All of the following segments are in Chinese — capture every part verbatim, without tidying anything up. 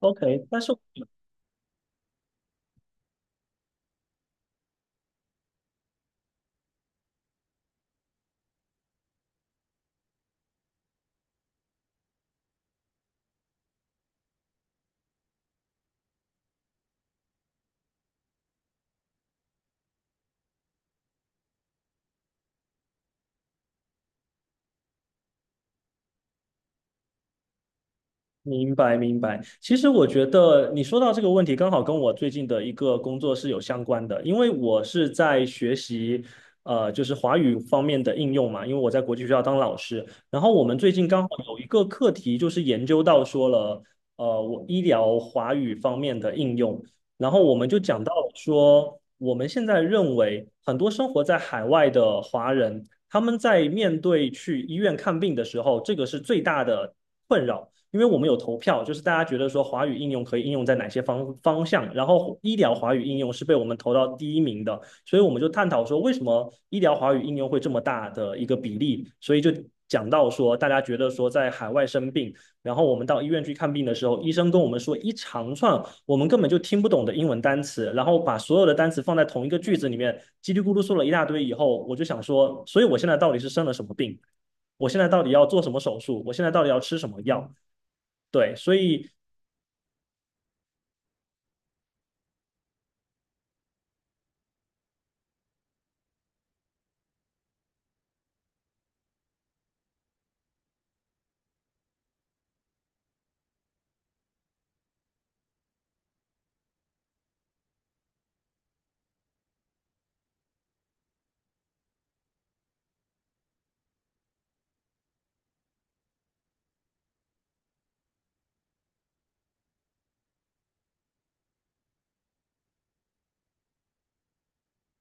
OK，但是我明白，明白。其实我觉得你说到这个问题，刚好跟我最近的一个工作是有相关的，因为我是在学习，呃，就是华语方面的应用嘛，因为我在国际学校当老师。然后我们最近刚好有一个课题，就是研究到说了，呃，我医疗华语方面的应用。然后我们就讲到说，我们现在认为很多生活在海外的华人，他们在面对去医院看病的时候，这个是最大的困扰。因为我们有投票，就是大家觉得说华语应用可以应用在哪些方方向，然后医疗华语应用是被我们投到第一名的，所以我们就探讨说为什么医疗华语应用会这么大的一个比例，所以就讲到说大家觉得说在海外生病，然后我们到医院去看病的时候，医生跟我们说一长串我们根本就听不懂的英文单词，然后把所有的单词放在同一个句子里面，叽里咕噜说了一大堆以后，我就想说，所以我现在到底是生了什么病？我现在到底要做什么手术，我现在到底要吃什么药。对，所以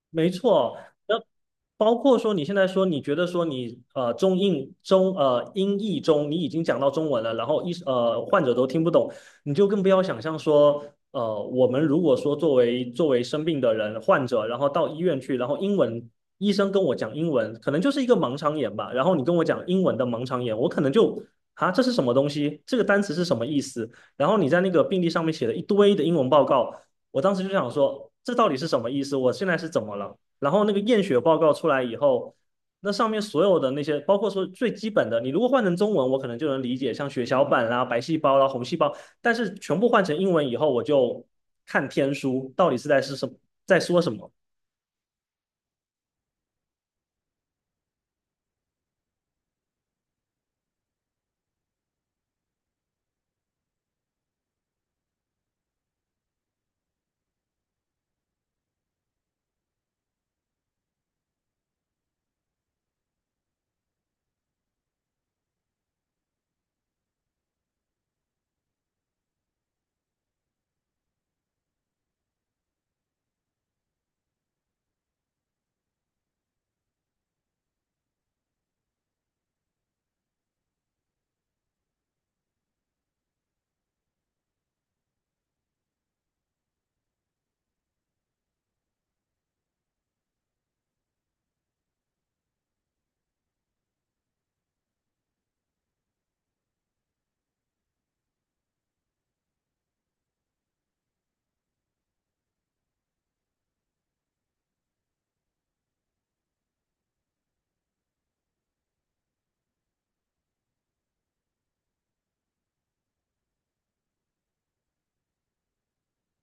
没错。那包括说你现在说你觉得说你呃中印中呃英译中你已经讲到中文了，然后医呃患者都听不懂，你就更不要想象说呃我们如果说作为作为生病的人患者，然后到医院去，然后英文医生跟我讲英文，可能就是一个盲肠炎吧，然后你跟我讲英文的盲肠炎，我可能就啊这是什么东西？这个单词是什么意思？然后你在那个病历上面写了一堆的英文报告。我当时就想说，这到底是什么意思？我现在是怎么了？然后那个验血报告出来以后，那上面所有的那些，包括说最基本的，你如果换成中文，我可能就能理解，像血小板啦、白细胞啦、红细胞，但是全部换成英文以后，我就看天书，到底是在是什么，在说什么。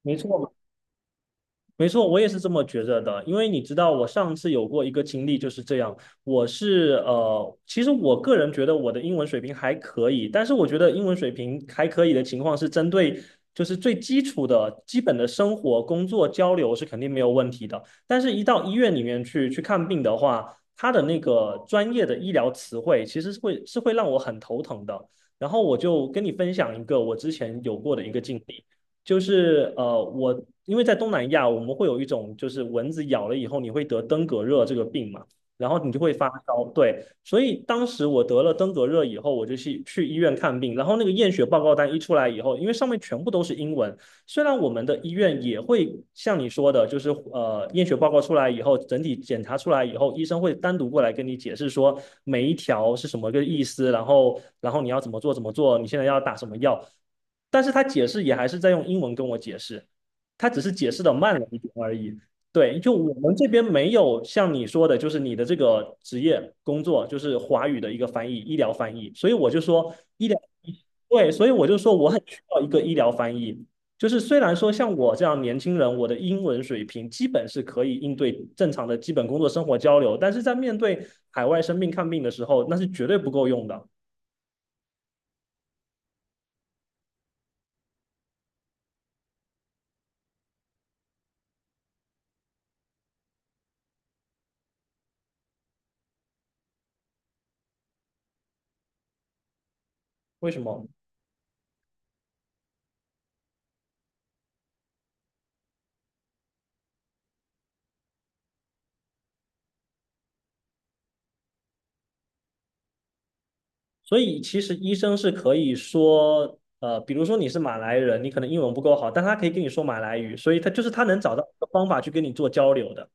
没错，没错，我也是这么觉着的，因为你知道，我上次有过一个经历就是这样。我是呃，其实我个人觉得我的英文水平还可以，但是我觉得英文水平还可以的情况是针对就是最基础的、基本的生活、工作交流是肯定没有问题的。但是，一到医院里面去去看病的话，他的那个专业的医疗词汇其实是会是会让我很头疼的。然后我就跟你分享一个我之前有过的一个经历。就是呃，我因为在东南亚，我们会有一种就是蚊子咬了以后你会得登革热这个病嘛，然后你就会发烧。对，所以当时我得了登革热以后，我就去去医院看病，然后那个验血报告单一出来以后，因为上面全部都是英文，虽然我们的医院也会像你说的，就是呃验血报告出来以后，整体检查出来以后，医生会单独过来跟你解释说每一条是什么个意思，然后然后你要怎么做怎么做，你现在要打什么药，但是他解释也还是在用英文跟我解释，他只是解释的慢了一点而已。对，就我们这边没有像你说的，就是你的这个职业工作就是华语的一个翻译，医疗翻译，所以我就说医疗，对，所以我就说我很需要一个医疗翻译，就是虽然说像我这样年轻人，我的英文水平基本是可以应对正常的基本工作生活交流，但是在面对海外生病看病的时候，那是绝对不够用的。为什么？所以其实医生是可以说，呃，比如说你是马来人，你可能英文不够好，但他可以跟你说马来语，所以他就是他能找到一个方法去跟你做交流的。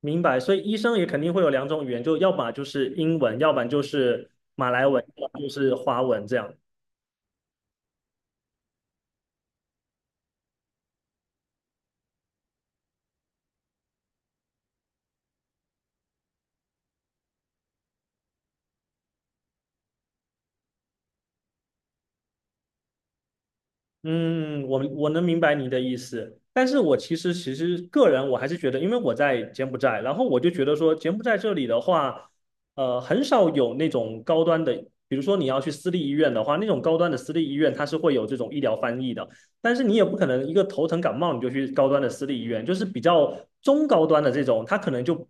明白，所以医生也肯定会有两种语言，就要么就是英文，要不然就是马来文，要么就是华文这样。嗯，我我能明白你的意思，但是我其实其实个人我还是觉得，因为我在柬埔寨，然后我就觉得说柬埔寨这里的话，呃，很少有那种高端的，比如说你要去私立医院的话，那种高端的私立医院它是会有这种医疗翻译的，但是你也不可能一个头疼感冒你就去高端的私立医院，就是比较中高端的这种，它可能就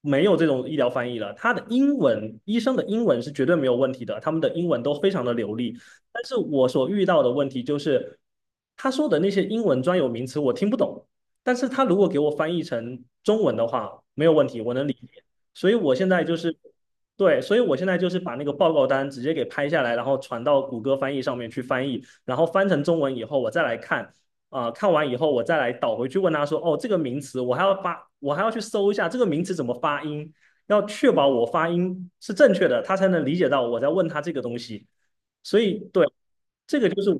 没有这种医疗翻译了，它的英文，医生的英文是绝对没有问题的，他们的英文都非常的流利。但是我所遇到的问题就是，他说的那些英文专有名词我听不懂，但是他如果给我翻译成中文的话，没有问题，我能理解。所以我现在就是，对，所以我现在就是把那个报告单直接给拍下来，然后传到谷歌翻译上面去翻译，然后翻成中文以后，我再来看，啊、看完以后我再来倒回去问他说，哦，这个名词我还要发，我还要去搜一下这个名词怎么发音，要确保我发音是正确的，他才能理解到我在问他这个东西。所以对，这个就是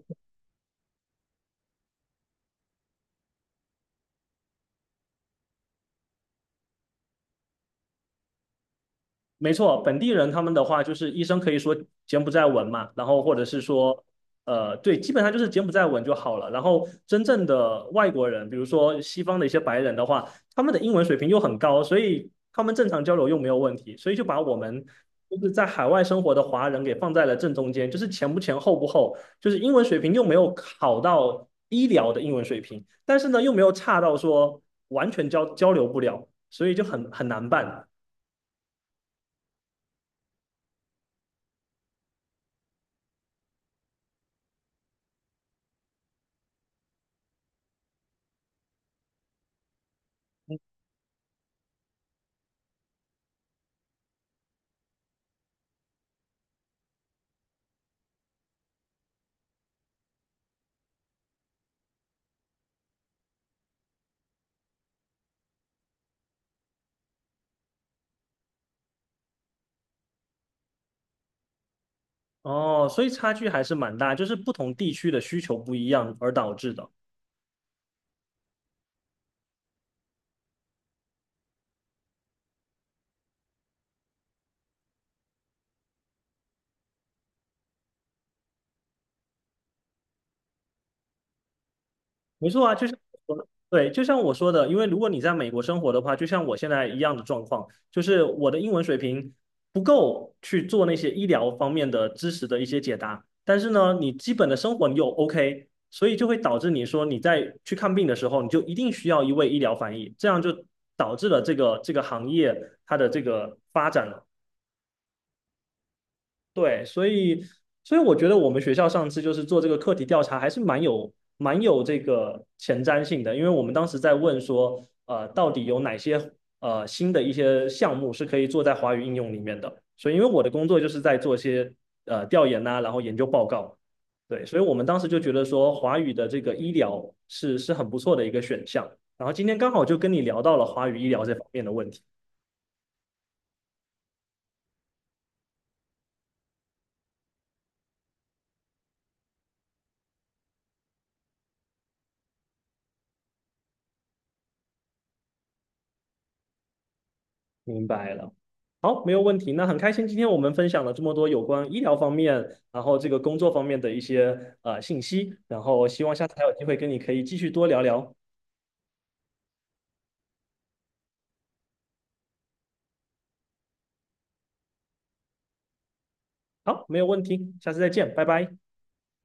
没错，本地人他们的话就是医生可以说柬埔寨文嘛，然后或者是说，呃，对，基本上就是柬埔寨文就好了。然后真正的外国人，比如说西方的一些白人的话，他们的英文水平又很高，所以他们正常交流又没有问题，所以就把我们就是在海外生活的华人给放在了正中间，就是前不前后不后，就是英文水平又没有好到医疗的英文水平，但是呢又没有差到说完全交交流不了，所以就很很难办。哦，所以差距还是蛮大，就是不同地区的需求不一样而导致的。没错啊，就像我说的对，就像我说的，因为如果你在美国生活的话，就像我现在一样的状况，就是我的英文水平不够去做那些医疗方面的知识的一些解答，但是呢，你基本的生活你又 OK,所以就会导致你说你在去看病的时候，你就一定需要一位医疗翻译，这样就导致了这个这个行业它的这个发展了。对，所以所以我觉得我们学校上次就是做这个课题调查，还是蛮有蛮有这个前瞻性的，因为我们当时在问说，呃，到底有哪些呃新的一些项目是可以做在华语应用里面的，所以因为我的工作就是在做一些呃调研呐、然后研究报告，对，所以我们当时就觉得说华语的这个医疗是是很不错的一个选项，然后今天刚好就跟你聊到了华语医疗这方面的问题。明白了，好，没有问题。那很开心，今天我们分享了这么多有关医疗方面，然后这个工作方面的一些呃信息，然后希望下次还有机会跟你可以继续多聊聊。好，没有问题，下次再见，拜拜。